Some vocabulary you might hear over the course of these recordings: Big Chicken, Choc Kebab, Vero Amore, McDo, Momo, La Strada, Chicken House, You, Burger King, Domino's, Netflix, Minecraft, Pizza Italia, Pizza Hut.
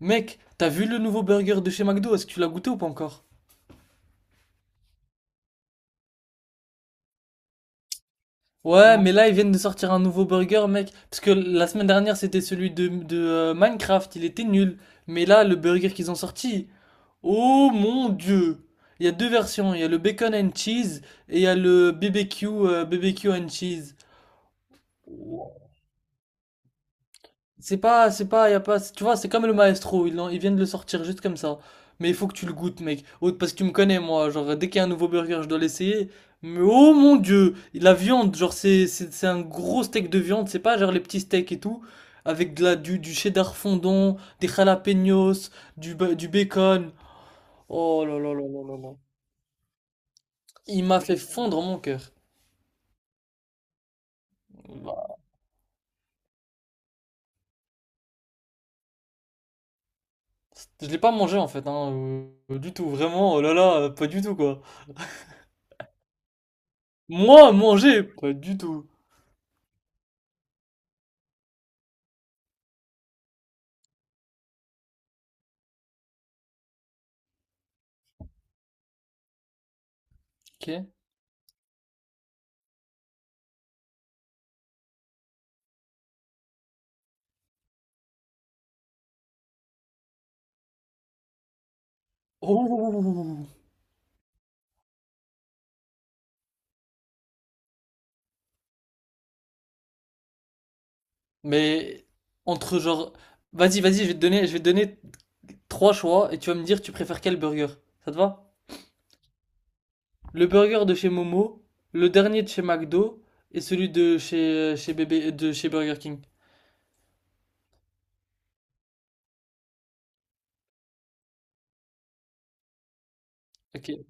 Mec, t'as vu le nouveau burger de chez McDo? Est-ce que tu l'as goûté ou pas encore? Ouais, non, mais là ils viennent de sortir un nouveau burger, mec. Parce que la semaine dernière c'était celui de Minecraft, il était nul. Mais là, le burger qu'ils ont sorti, oh mon dieu! Il y a deux versions, il y a le bacon and cheese et il y a le BBQ and cheese. C'est pas, Y a pas, tu vois, c'est comme le maestro, ils viennent de le sortir juste comme ça. Mais il faut que tu le goûtes, mec. Oh, parce que tu me connais, moi, genre, dès qu'il y a un nouveau burger, je dois l'essayer. Mais oh mon dieu, la viande, genre, c'est un gros steak de viande, c'est pas genre les petits steaks et tout, avec du cheddar fondant, des jalapenos, du bacon. Oh là là là là là là. Il m'a fait fondre mon cœur. Bah, Je l'ai pas mangé en fait, hein, du tout, vraiment, oh là là, pas du tout quoi. Moi, manger, pas du tout. OK. Oh! Mais entre genre, je vais te donner trois choix et tu vas me dire tu préfères quel burger. Ça te va? Le burger de chez Momo, le dernier de chez McDo et celui de chez Burger King. OK.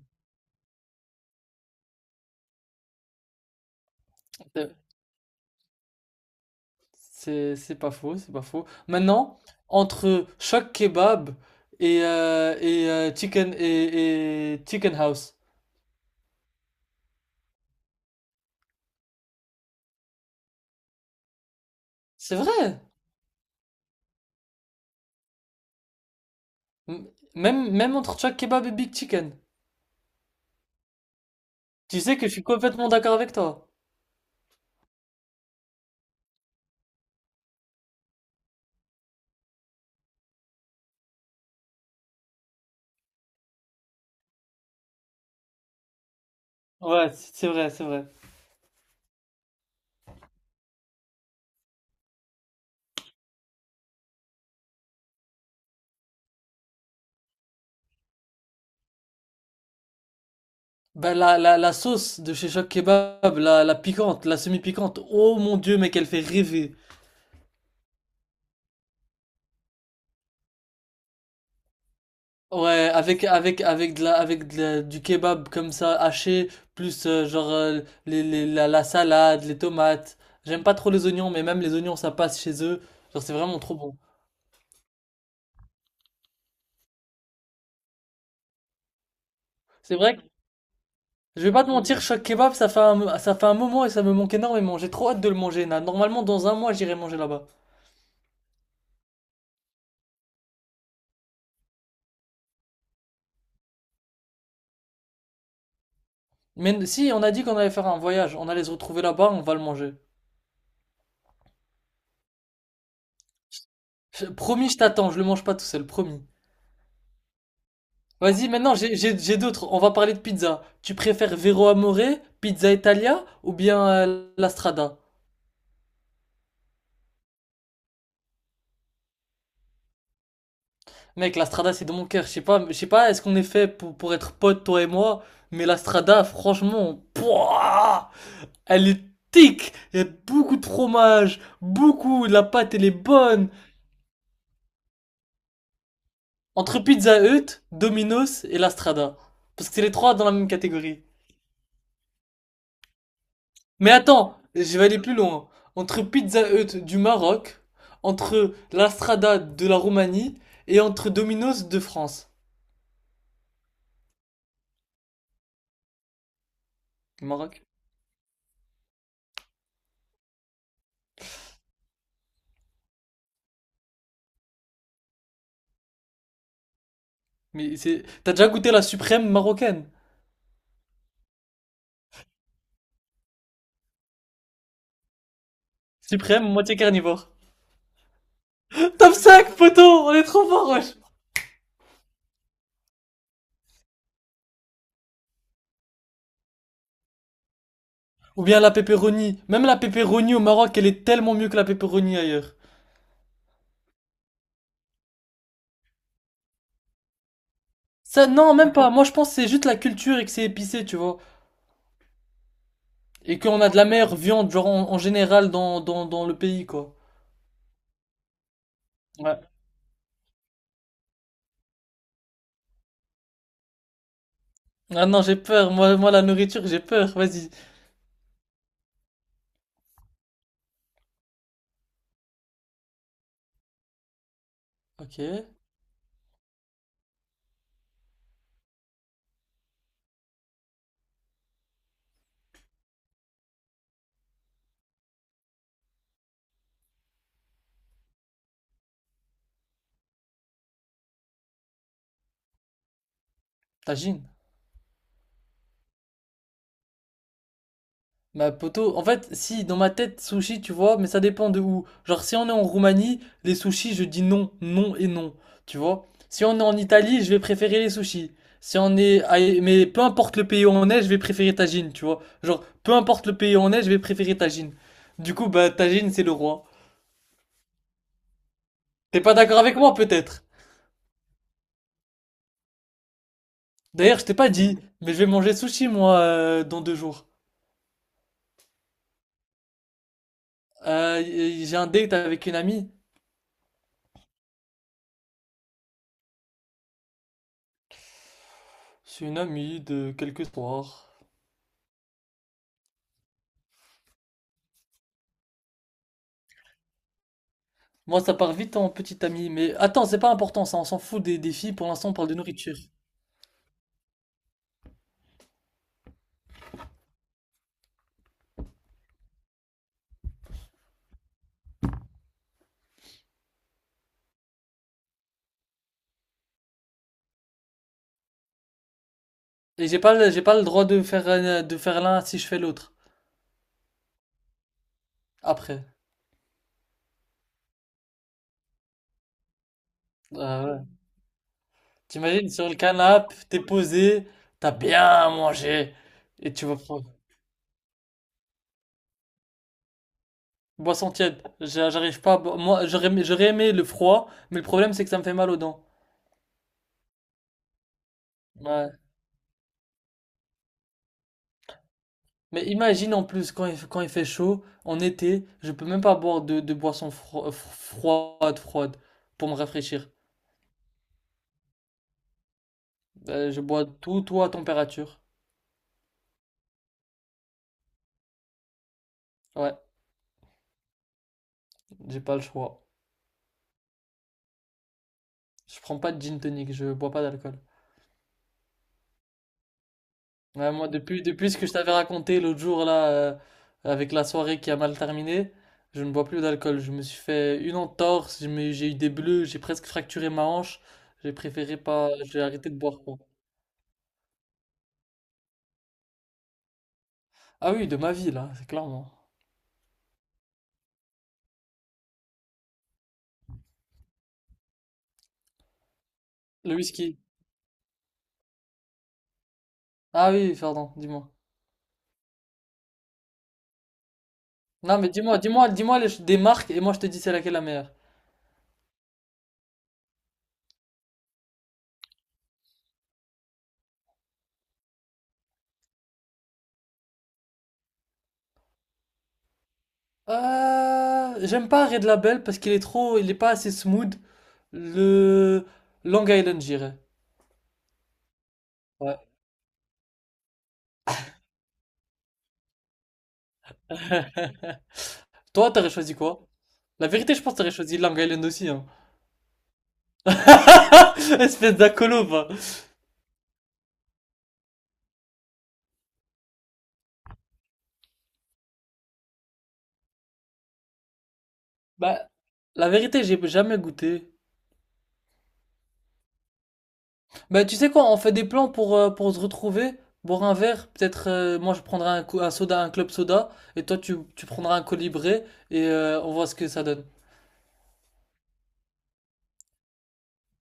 C'est pas faux. Maintenant, entre Choc Kebab et Chicken et Chicken House. C'est vrai. M- Même entre Choc Kebab et Big Chicken. Tu sais que je suis complètement d'accord avec toi. Ouais, c'est vrai, c'est vrai. Bah, la sauce de chez Choc Kebab, la piquante, la semi-piquante, oh mon Dieu, mais qu'elle fait rêver. Ouais, avec du kebab comme ça, haché, plus genre la salade, les tomates. J'aime pas trop les oignons, mais même les oignons, ça passe chez eux. Genre, c'est vraiment trop bon. C'est vrai que, je vais pas te mentir, Choc Kebab, ça fait un moment et ça me manque énormément. J'ai trop hâte de le manger, là. Normalement, dans un mois, j'irai manger là-bas. Mais si, on a dit qu'on allait faire un voyage, on allait se retrouver là-bas, on va le manger. Promis, je t'attends, je le mange pas tout seul, promis. Vas-y, maintenant, j'ai d'autres. On va parler de pizza. Tu préfères Vero Amore, Pizza Italia ou bien La Strada? Mec, La Strada, c'est dans mon cœur. Je sais pas, est-ce qu'on est fait pour être potes, toi et moi? Mais La Strada, franchement, pouah, elle est tic. Il y a beaucoup de fromage, beaucoup, la pâte, elle est bonne. Entre Pizza Hut, Domino's et La Strada. Parce que c'est les trois dans la même catégorie. Mais attends, je vais aller plus loin. Entre Pizza Hut du Maroc, entre La Strada de la Roumanie et entre Domino's de France. Maroc. Mais c'est. T'as déjà goûté la suprême marocaine? Suprême, moitié carnivore. Top 5, poteau! On est trop fort, wesh! Ou bien la pepperoni. Même la pepperoni au Maroc, elle est tellement mieux que la pepperoni ailleurs. Ça, non, même pas. Moi, je pense que c'est juste la culture et que c'est épicé, tu vois. Et qu'on a de la meilleure viande, genre, en général, dans le pays, quoi. Ouais. Ah non, j'ai peur. La nourriture, j'ai peur. Vas-y. Ok. Tagine. Bah, poto, en fait, si, dans ma tête, sushi, tu vois, mais ça dépend de où. Genre, si on est en Roumanie, les sushis, je dis non, non et non. Tu vois? Si on est en Italie, je vais préférer les sushis. Si on est, à- Mais peu importe le pays où on est, je vais préférer tagine, tu vois. Genre, peu importe le pays où on est, je vais préférer tagine. Du coup, bah, tagine, c'est le roi. T'es pas d'accord avec moi, peut-être? D'ailleurs, je t'ai pas dit, mais je vais manger sushi, moi, dans deux jours. Euh, j'ai un date avec une amie. C'est une amie de quelques soirs. Moi, ça part vite en petite amie. Mais attends, c'est pas important, ça, on s'en fout des filles. Pour l'instant, on parle de nourriture. Et j'ai pas, j'ai pas le droit de de faire l'un si je fais l'autre. Après. Ah ouais. T'imagines, sur le canapé, t'es posé, t'as bien mangé. Et tu vas prendre. Boisson tiède. J'arrive pas Moi, j'aurais aimé le froid, mais le problème, c'est que ça me fait mal aux dents. Ouais. Mais imagine en plus quand quand il fait chaud, en été, je peux même pas boire de boissons fro- fro- froides, froides, pour me rafraîchir. Je bois tout, tout à température. Ouais, j'ai pas le choix. Je prends pas de gin tonic, je bois pas d'alcool. Ouais, moi, depuis ce que je t'avais raconté l'autre jour, là, avec la soirée qui a mal terminé, je ne bois plus d'alcool. Je me suis fait une entorse, j'ai eu des bleus, j'ai presque fracturé ma hanche. J'ai préféré pas, j'ai arrêté de boire, quoi. Ah oui, de ma vie, là, c'est clairement. Le whisky. Ah oui, pardon, dis-moi. Non, mais dis-moi des marques et moi je te dis c'est laquelle la meilleure. J'aime pas Red Label parce qu'il est trop, il est pas assez smooth. Le Long Island, j'irais. Ouais. Toi, t'aurais choisi quoi? La vérité, je pense que t'aurais choisi Long Island aussi, hein. Espèce d'acolo, va. Bah, la vérité, j'ai jamais goûté. Bah, tu sais quoi, on fait des plans pour se retrouver, boire un verre, peut-être moi je prendrai un soda, un club soda, et toi tu prendras un colibré, et on voit ce que ça donne.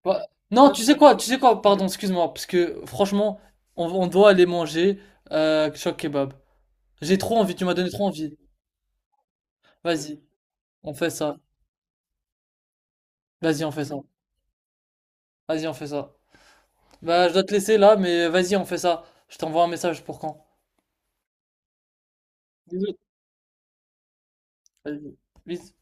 Bah, non, tu sais quoi, pardon, excuse-moi, parce que franchement, on doit aller manger choc kebab. J'ai trop envie, tu m'as donné trop envie. Vas-y, on fait ça. Vas-y, on fait ça. Vas-y, on fait ça. Bah, je dois te laisser là, mais vas-y, on fait ça. Je t'envoie un message pour quand? Bisous. Vas-y. Bisous.